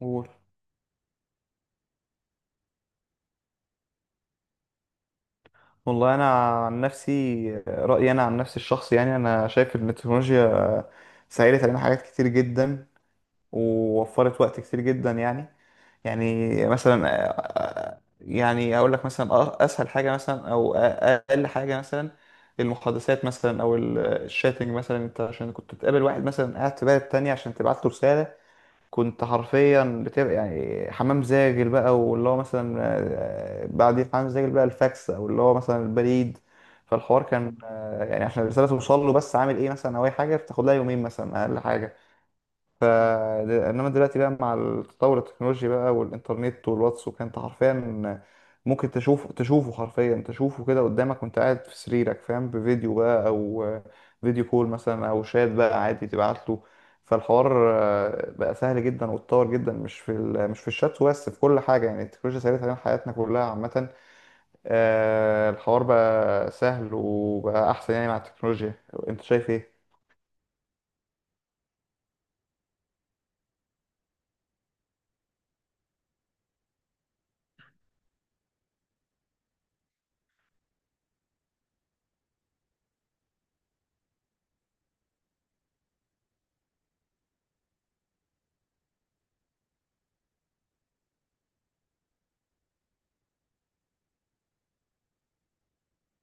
قول. والله، انا عن نفسي رايي انا عن نفسي الشخصي، يعني انا شايف ان التكنولوجيا سهلت علينا حاجات كتير جدا، ووفرت وقت كتير جدا، يعني مثلا يعني اقول لك مثلا اسهل حاجه مثلا، او اقل حاجه مثلا، المحادثات مثلا، او الشاتنج مثلا. انت عشان كنت تقابل واحد مثلا قاعد في بلد تانية عشان تبعت له رساله، كنت حرفيا بتبقى يعني حمام زاجل بقى، واللي هو مثلا بعد حمام زاجل بقى الفاكس، او اللي هو مثلا البريد. فالحوار كان يعني عشان الرساله توصل له بس، عامل ايه مثلا، او اي حاجه بتاخد لها يومين مثلا اقل حاجه. ف انما دلوقتي بقى مع التطور التكنولوجي بقى، والانترنت والواتس، وكان انت حرفيا ممكن تشوفه حرفيا، تشوفه كده قدامك وانت قاعد في سريرك فاهم، بفيديو بقى، او فيديو كول مثلا، او شات بقى عادي تبعت له. فالحوار بقى سهل جدا واتطور جدا، مش في الشات وبس، في كل حاجه، يعني التكنولوجيا سهلت علينا حياتنا كلها عامه. الحوار بقى سهل وبقى احسن يعني مع التكنولوجيا. انت شايف ايه؟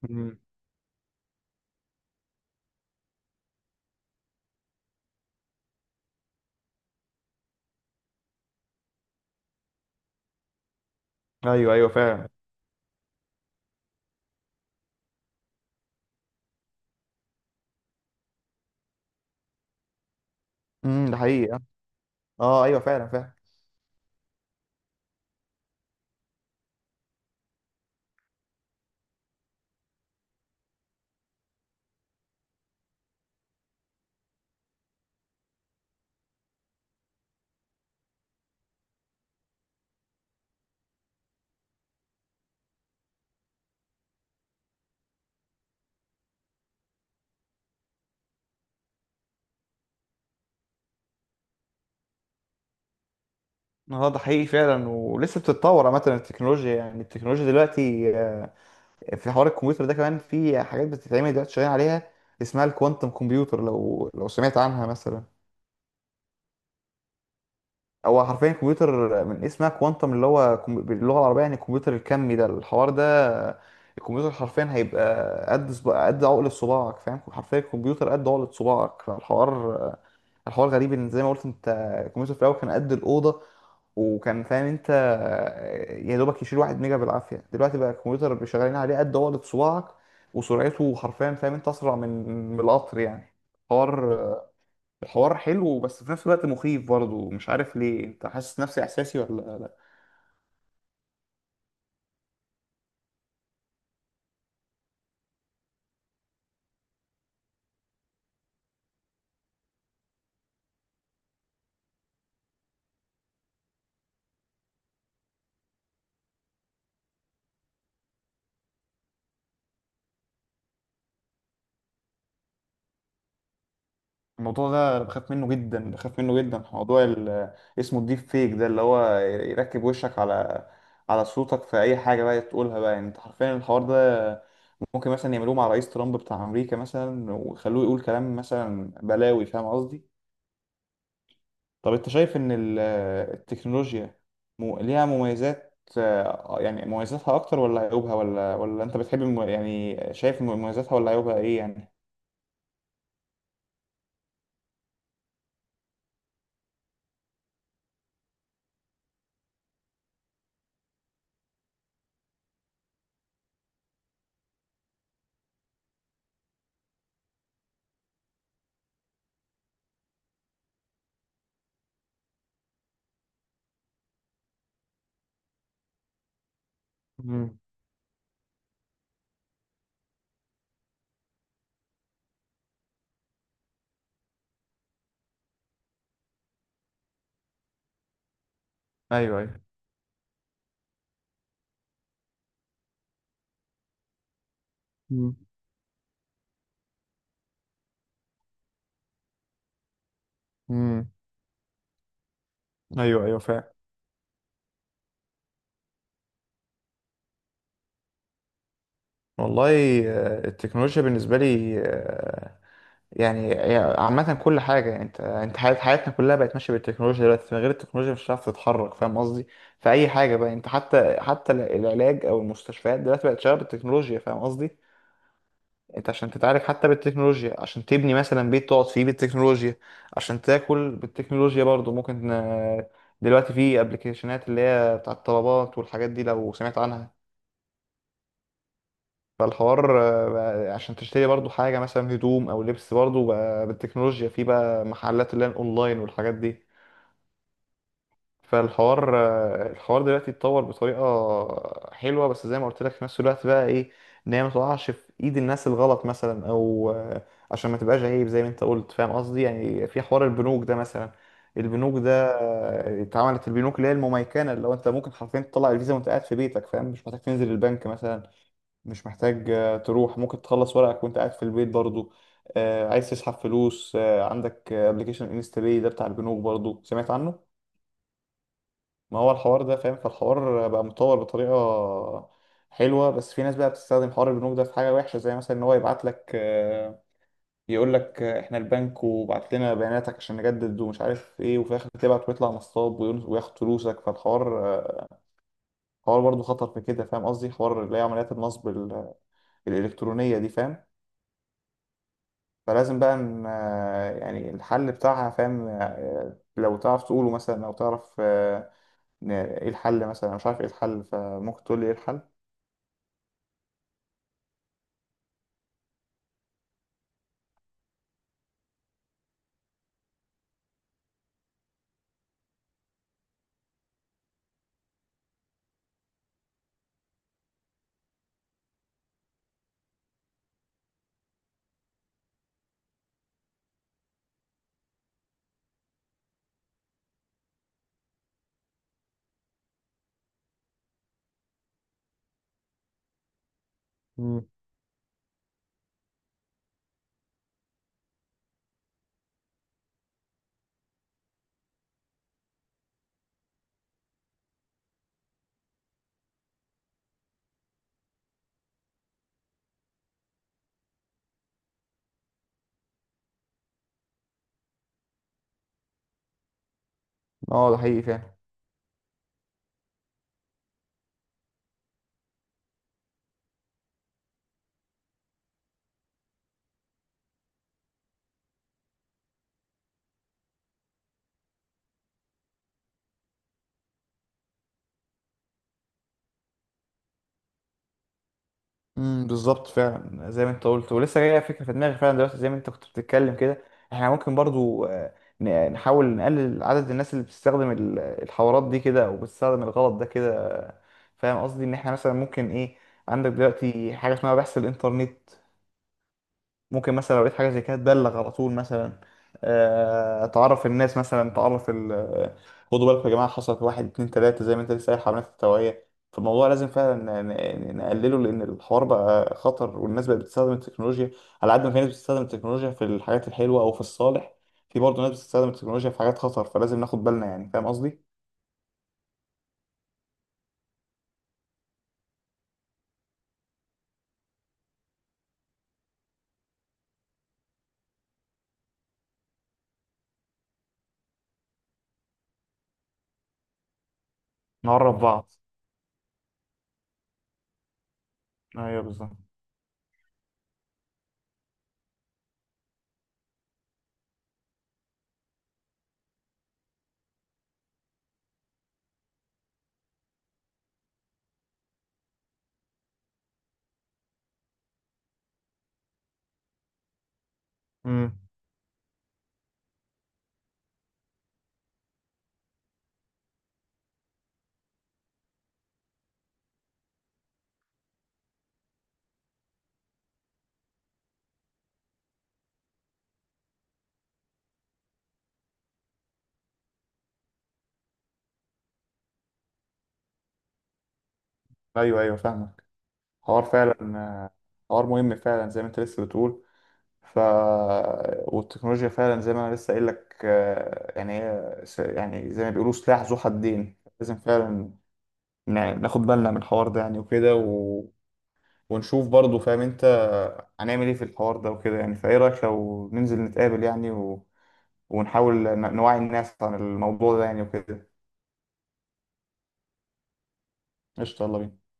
مم. ايوه ايوه فعلا. ده حقيقي. اه ايوه فعلا فعلا. اه ده حقيقي فعلا، ولسه بتتطور عامه التكنولوجيا، يعني التكنولوجيا دلوقتي في حوار الكمبيوتر ده كمان، في حاجات بتتعمل دلوقتي شغالين عليها، اسمها الكوانتم كمبيوتر، لو سمعت عنها مثلا. هو حرفيا كمبيوتر، من اسمها كوانتم، اللي هو باللغه العربيه يعني الكمبيوتر الكمي، ده الحوار ده. آه، الكمبيوتر حرفيا هيبقى قد عقل صباعك فاهم، حرفيا الكمبيوتر قد عقل صباعك. فالحوار، الحوار غريب، ان زي ما قلت انت، الكمبيوتر في الاول كان قد الاوضه، وكان فاهم انت يا دوبك يشيل واحد ميجا بالعافيه، دلوقتي بقى الكمبيوتر اللي شغالين عليه قد عقلة صباعك، وسرعته حرفيا فاهم انت اسرع من القطر يعني. حوار الحوار حلو، بس في نفس الوقت مخيف برضه، مش عارف ليه، انت حاسس نفس احساسي ولا لا؟ الموضوع ده انا بخاف منه جدا، بخاف منه جدا، موضوع اسمه الديب فيك ده، اللي هو يركب وشك على صوتك، في اي حاجه بقى تقولها بقى، يعني انت حرفيا الحوار ده ممكن مثلا يعملوه مع رئيس ترامب بتاع امريكا مثلا، ويخلوه يقول كلام مثلا بلاوي، فاهم قصدي. طب انت شايف ان التكنولوجيا ليها مميزات، يعني مميزاتها اكتر ولا عيوبها، ولا انت بتحب يعني شايف مميزاتها ولا عيوبها ايه يعني؟ مم. ايوه ايوه. مم. مم. ايوه ايوه فعلا. والله، التكنولوجيا بالنسبه لي، يعني عامة كل حاجة، يعني انت حياتنا كلها بقت ماشية بالتكنولوجيا دلوقتي، من غير التكنولوجيا مش هتعرف تتحرك، فاهم قصدي؟ في أي حاجة بقى انت، حتى العلاج أو المستشفيات دلوقتي بقت شغالة بالتكنولوجيا، فاهم قصدي؟ انت عشان تتعالج حتى بالتكنولوجيا، عشان تبني مثلا بيت تقعد فيه بالتكنولوجيا، عشان تاكل بالتكنولوجيا برضو ممكن، دلوقتي في ابلكيشنات اللي هي بتاعت الطلبات والحاجات دي، لو سمعت عنها. فالحوار بقى عشان تشتري برضو حاجة، مثلا هدوم أو لبس، برضو بقى بالتكنولوجيا، في بقى محلات اللي هي الأونلاين والحاجات دي. فالحوار الحوار دلوقتي اتطور بطريقة حلوة، بس زي ما قلت لك في نفس الوقت بقى إيه، إن هي ما تقعش في إيد الناس الغلط مثلا، أو عشان ما تبقاش عيب زي ما أنت قلت، فاهم قصدي، يعني في حوار البنوك ده مثلا. البنوك ده اتعملت البنوك اللي هي المميكنة، اللي هو أنت ممكن حرفيا تطلع الفيزا وأنت قاعد في بيتك فاهم، مش محتاج تنزل البنك مثلا، مش محتاج تروح، ممكن تخلص ورقك وانت قاعد في البيت برضو. عايز تسحب فلوس، عندك ابلكيشن انستا باي ده بتاع البنوك برضو، سمعت عنه. ما هو الحوار ده فاهم. فالحوار بقى متطور بطريقة حلوة، بس في ناس بقى بتستخدم حوار البنوك ده في حاجة وحشة، زي مثلا ان هو يبعت لك يقول لك احنا البنك وبعت لنا بياناتك عشان نجدد ومش عارف ايه، وفي الاخر تبعت ويطلع نصاب، وياخد فلوسك، فالحوار حوار برضو خطر في كده، فاهم قصدي، حوار اللي هي عمليات النصب الإلكترونية دي فاهم. فلازم بقى ان يعني الحل بتاعها فاهم، لو تعرف تقوله مثلا، او تعرف إن ايه الحل مثلا، أنا مش عارف ايه الحل، فممكن تقول لي ايه الحل. مم. اه ده حقيقي فعلا. بالظبط، فعلا زي ما انت قلت، ولسه جايه فكره في دماغي فعلا دلوقتي، زي ما انت كنت بتتكلم كده، احنا ممكن برضو نحاول نقلل عدد الناس اللي بتستخدم الحوارات دي كده، او بتستخدم الغلط ده كده، فاهم قصدي، ان احنا مثلا ممكن ايه، عندك دلوقتي حاجه اسمها بحث الانترنت، ممكن مثلا لو لقيت حاجة زي كده تبلغ على طول مثلا، تعرف الناس مثلا، تعرف ال آه، خدوا بالكم يا جماعة، حصلت واحد اتنين تلاتة، زي ما انت لسه قايل حملات التوعية. فالموضوع لازم فعلا نقلله، لأن الحوار بقى خطر والناس بقت بتستخدم التكنولوجيا، على قد ما في ناس بتستخدم التكنولوجيا في الحاجات الحلوة أو في الصالح، في برضه ناس بتستخدم التكنولوجيا في حاجات خطر، فلازم ناخد بالنا يعني، فاهم قصدي؟ نقرب بعض. ايوه بالظبط. امم، ايوه ايوه فاهمك. حوار فعلا، حوار مهم فعلا، زي ما انت لسه بتقول. ف والتكنولوجيا فعلا زي ما انا لسه قايل لك، يعني هي يعني زي ما بيقولوا سلاح ذو حدين، لازم فعلا ناخد بالنا من الحوار ده يعني، وكده ونشوف برضه فاهم انت هنعمل ايه في الحوار ده وكده يعني، فايه رايك لو ننزل نتقابل يعني ونحاول نوعي الناس عن الموضوع ده يعني وكده. قشطة، يلا بينا.